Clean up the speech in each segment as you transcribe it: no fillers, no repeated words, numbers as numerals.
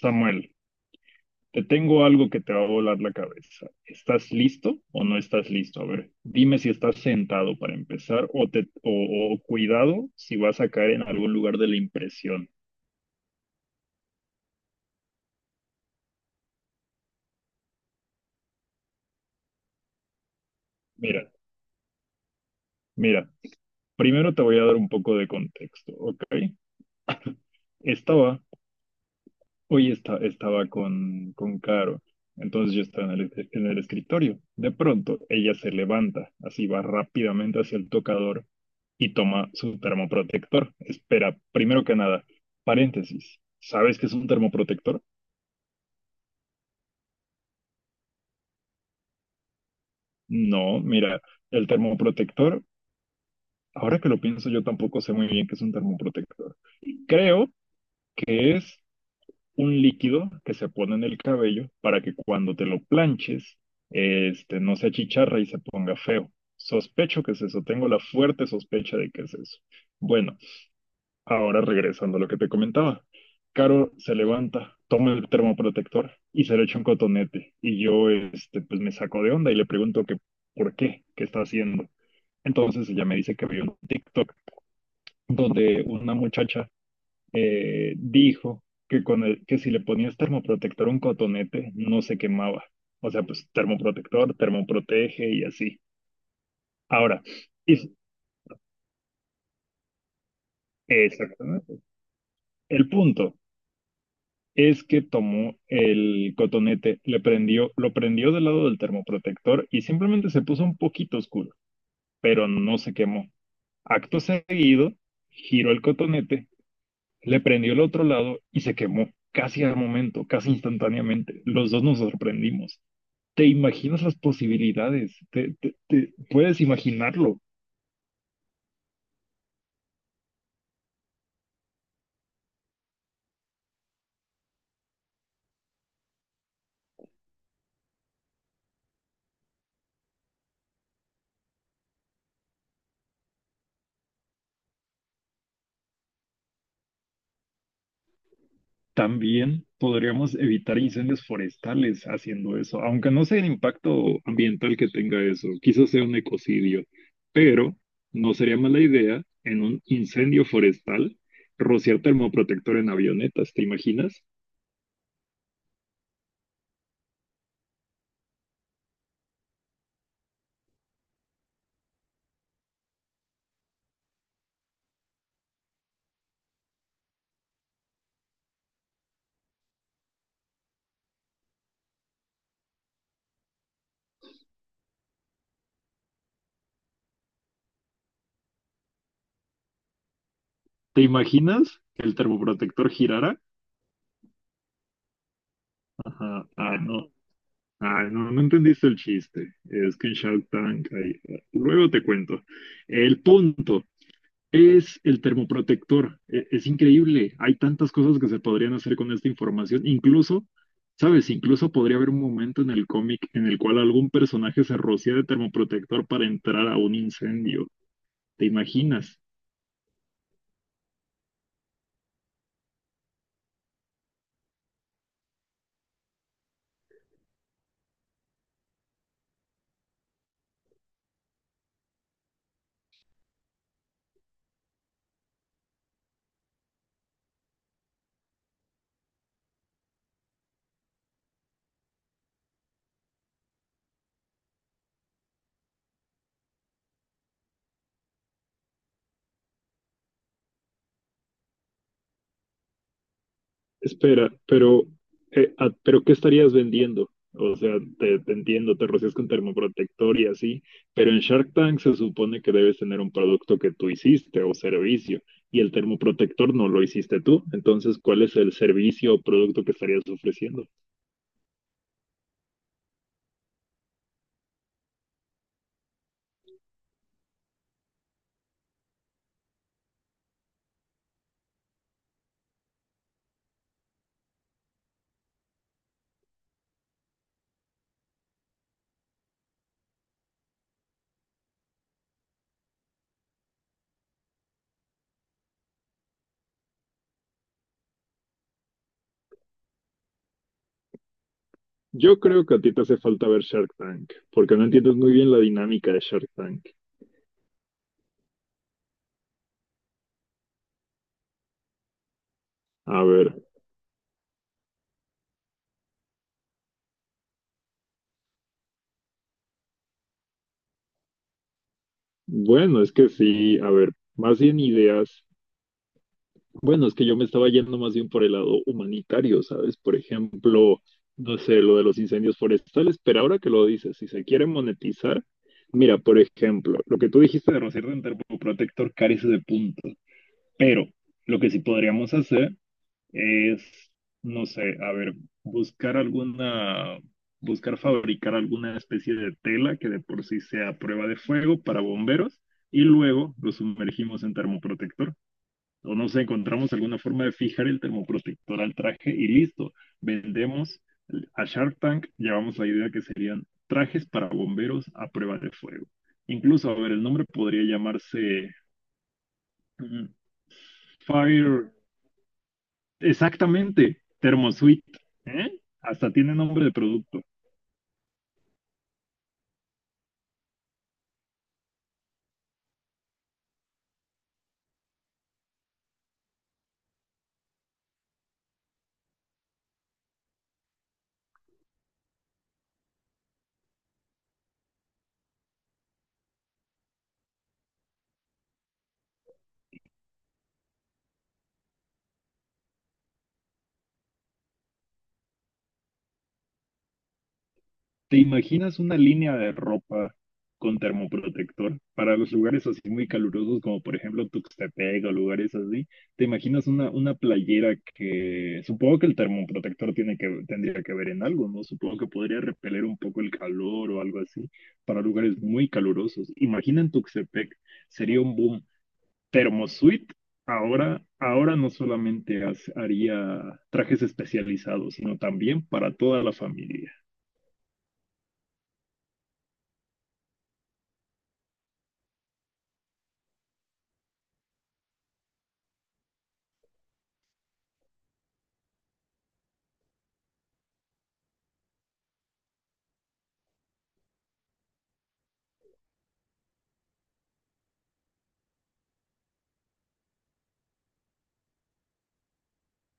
Samuel, te tengo algo que te va a volar la cabeza. ¿Estás listo o no estás listo? A ver, dime si estás sentado para empezar o, cuidado si vas a caer en algún lugar de la impresión. Mira, mira, primero te voy a dar un poco de contexto, ¿ok? Estaba Hoy estaba con Caro, entonces yo estaba en el escritorio. De pronto, ella se levanta, así va rápidamente hacia el tocador y toma su termoprotector. Espera, primero que nada, paréntesis, ¿sabes qué es un termoprotector? No, mira, el termoprotector, ahora que lo pienso, yo tampoco sé muy bien qué es un termoprotector. Creo que es un líquido que se pone en el cabello para que cuando te lo planches, este, no se achicharra y se ponga feo. Sospecho que es eso, tengo la fuerte sospecha de que es eso. Bueno, ahora regresando a lo que te comentaba. Caro se levanta, toma el termoprotector y se lo echa un cotonete. Y yo, este, pues me saco de onda y le pregunto que, ¿por qué? ¿Qué está haciendo? Entonces ella me dice que vio un TikTok donde una muchacha dijo que, que si le ponías termoprotector a un cotonete, no se quemaba. O sea, pues termoprotector, termoprotege y así. Ahora, y- exactamente. El punto es que tomó el cotonete, lo prendió del lado del termoprotector y simplemente se puso un poquito oscuro, pero no se quemó. Acto seguido, giró el cotonete, le prendió el otro lado y se quemó. Casi al momento, casi instantáneamente. Los dos nos sorprendimos. ¿Te imaginas las posibilidades? Te puedes imaginarlo. También podríamos evitar incendios forestales haciendo eso, aunque no sea el impacto ambiental que tenga eso, quizás sea un ecocidio, pero no sería mala idea en un incendio forestal rociar termoprotector en avionetas, ¿te imaginas? ¿Te imaginas que el termoprotector girara? Ajá, ah, no. Ah, no, no entendiste el chiste. Es que en Shark Tank hay... Luego te cuento. El punto es el termoprotector. Es, increíble. Hay tantas cosas que se podrían hacer con esta información. Incluso, ¿sabes? Incluso podría haber un momento en el cómic en el cual algún personaje se rocía de termoprotector para entrar a un incendio. ¿Te imaginas? Espera, pero ¿qué estarías vendiendo? O sea, te entiendo, te rocias con termoprotector y así, pero en Shark Tank se supone que debes tener un producto que tú hiciste o servicio, y el termoprotector no lo hiciste tú. Entonces, ¿cuál es el servicio o producto que estarías ofreciendo? Yo creo que a ti te hace falta ver Shark Tank, porque no entiendes muy bien la dinámica de Shark Tank. A ver, bueno, es que sí, a ver, más bien ideas. Bueno, es que yo me estaba yendo más bien por el lado humanitario, ¿sabes? Por ejemplo, no sé, lo de los incendios forestales, pero ahora que lo dices, si se quiere monetizar, mira, por ejemplo, lo que tú dijiste de rociar de protector carece de puntos, pero lo que sí podríamos hacer es, no sé, a ver, buscar alguna, buscar fabricar alguna especie de tela que de por sí sea prueba de fuego para bomberos y luego lo sumergimos en termoprotector o nos encontramos alguna forma de fijar el termoprotector al traje y listo, vendemos a Shark Tank, llevamos la idea que serían trajes para bomberos a prueba de fuego. Incluso, a ver, el nombre podría llamarse mm, Fire, exactamente, Thermosuite, ¿eh? Hasta tiene nombre de producto. ¿Te imaginas una línea de ropa con termoprotector para los lugares así muy calurosos, como por ejemplo Tuxtepec o lugares así? ¿Te imaginas una playera que supongo que el termoprotector tiene que, tendría que ver en algo, ¿no? Supongo que podría repeler un poco el calor o algo así para lugares muy calurosos. Imagina en Tuxtepec, sería un boom. Termosuite ahora no solamente haría trajes especializados, sino también para toda la familia.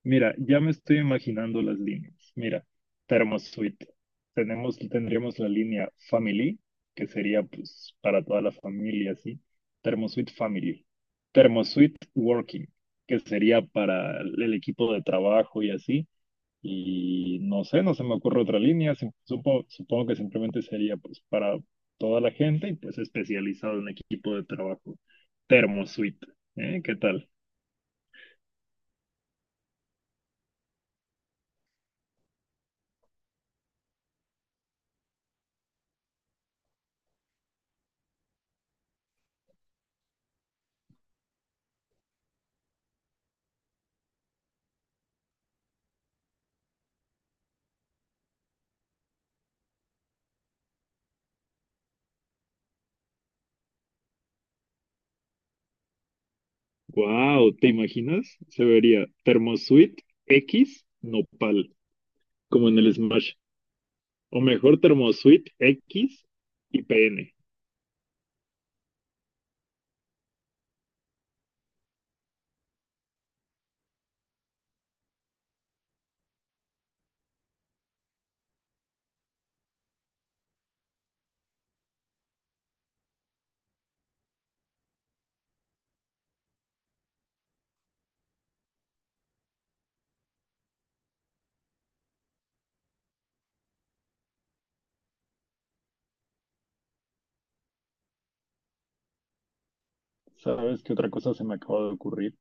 Mira, ya me estoy imaginando las líneas. Mira, Thermosuite. Tendríamos la línea Family, que sería pues para toda la familia, ¿sí? Thermosuite Family. Thermosuite Working, que sería para el equipo de trabajo y así. Y no sé, no se me ocurre otra línea. Supongo que simplemente sería pues para toda la gente y pues especializado en equipo de trabajo. Thermosuite, ¿eh? ¿Qué tal? Wow, ¿te imaginas? Se vería Thermosuite X Nopal, como en el Smash. O mejor Thermosuite X y PN. ¿Sabes qué otra cosa se me acaba de ocurrir?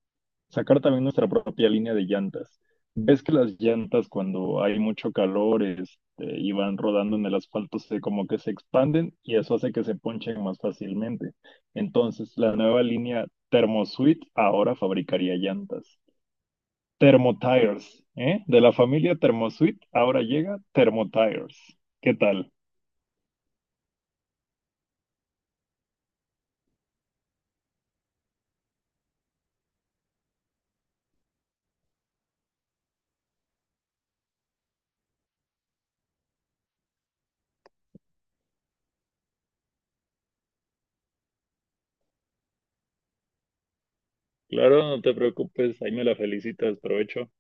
Sacar también nuestra propia línea de llantas. ¿Ves que las llantas cuando hay mucho calor, este, y van rodando en el asfalto, se como que se expanden y eso hace que se ponchen más fácilmente? Entonces, la nueva línea Thermosuite ahora fabricaría llantas. Thermotires, ¿eh? De la familia Thermosuite, ahora llega Thermotires. ¿Qué tal? Claro, no te preocupes, ahí me la felicitas, provecho.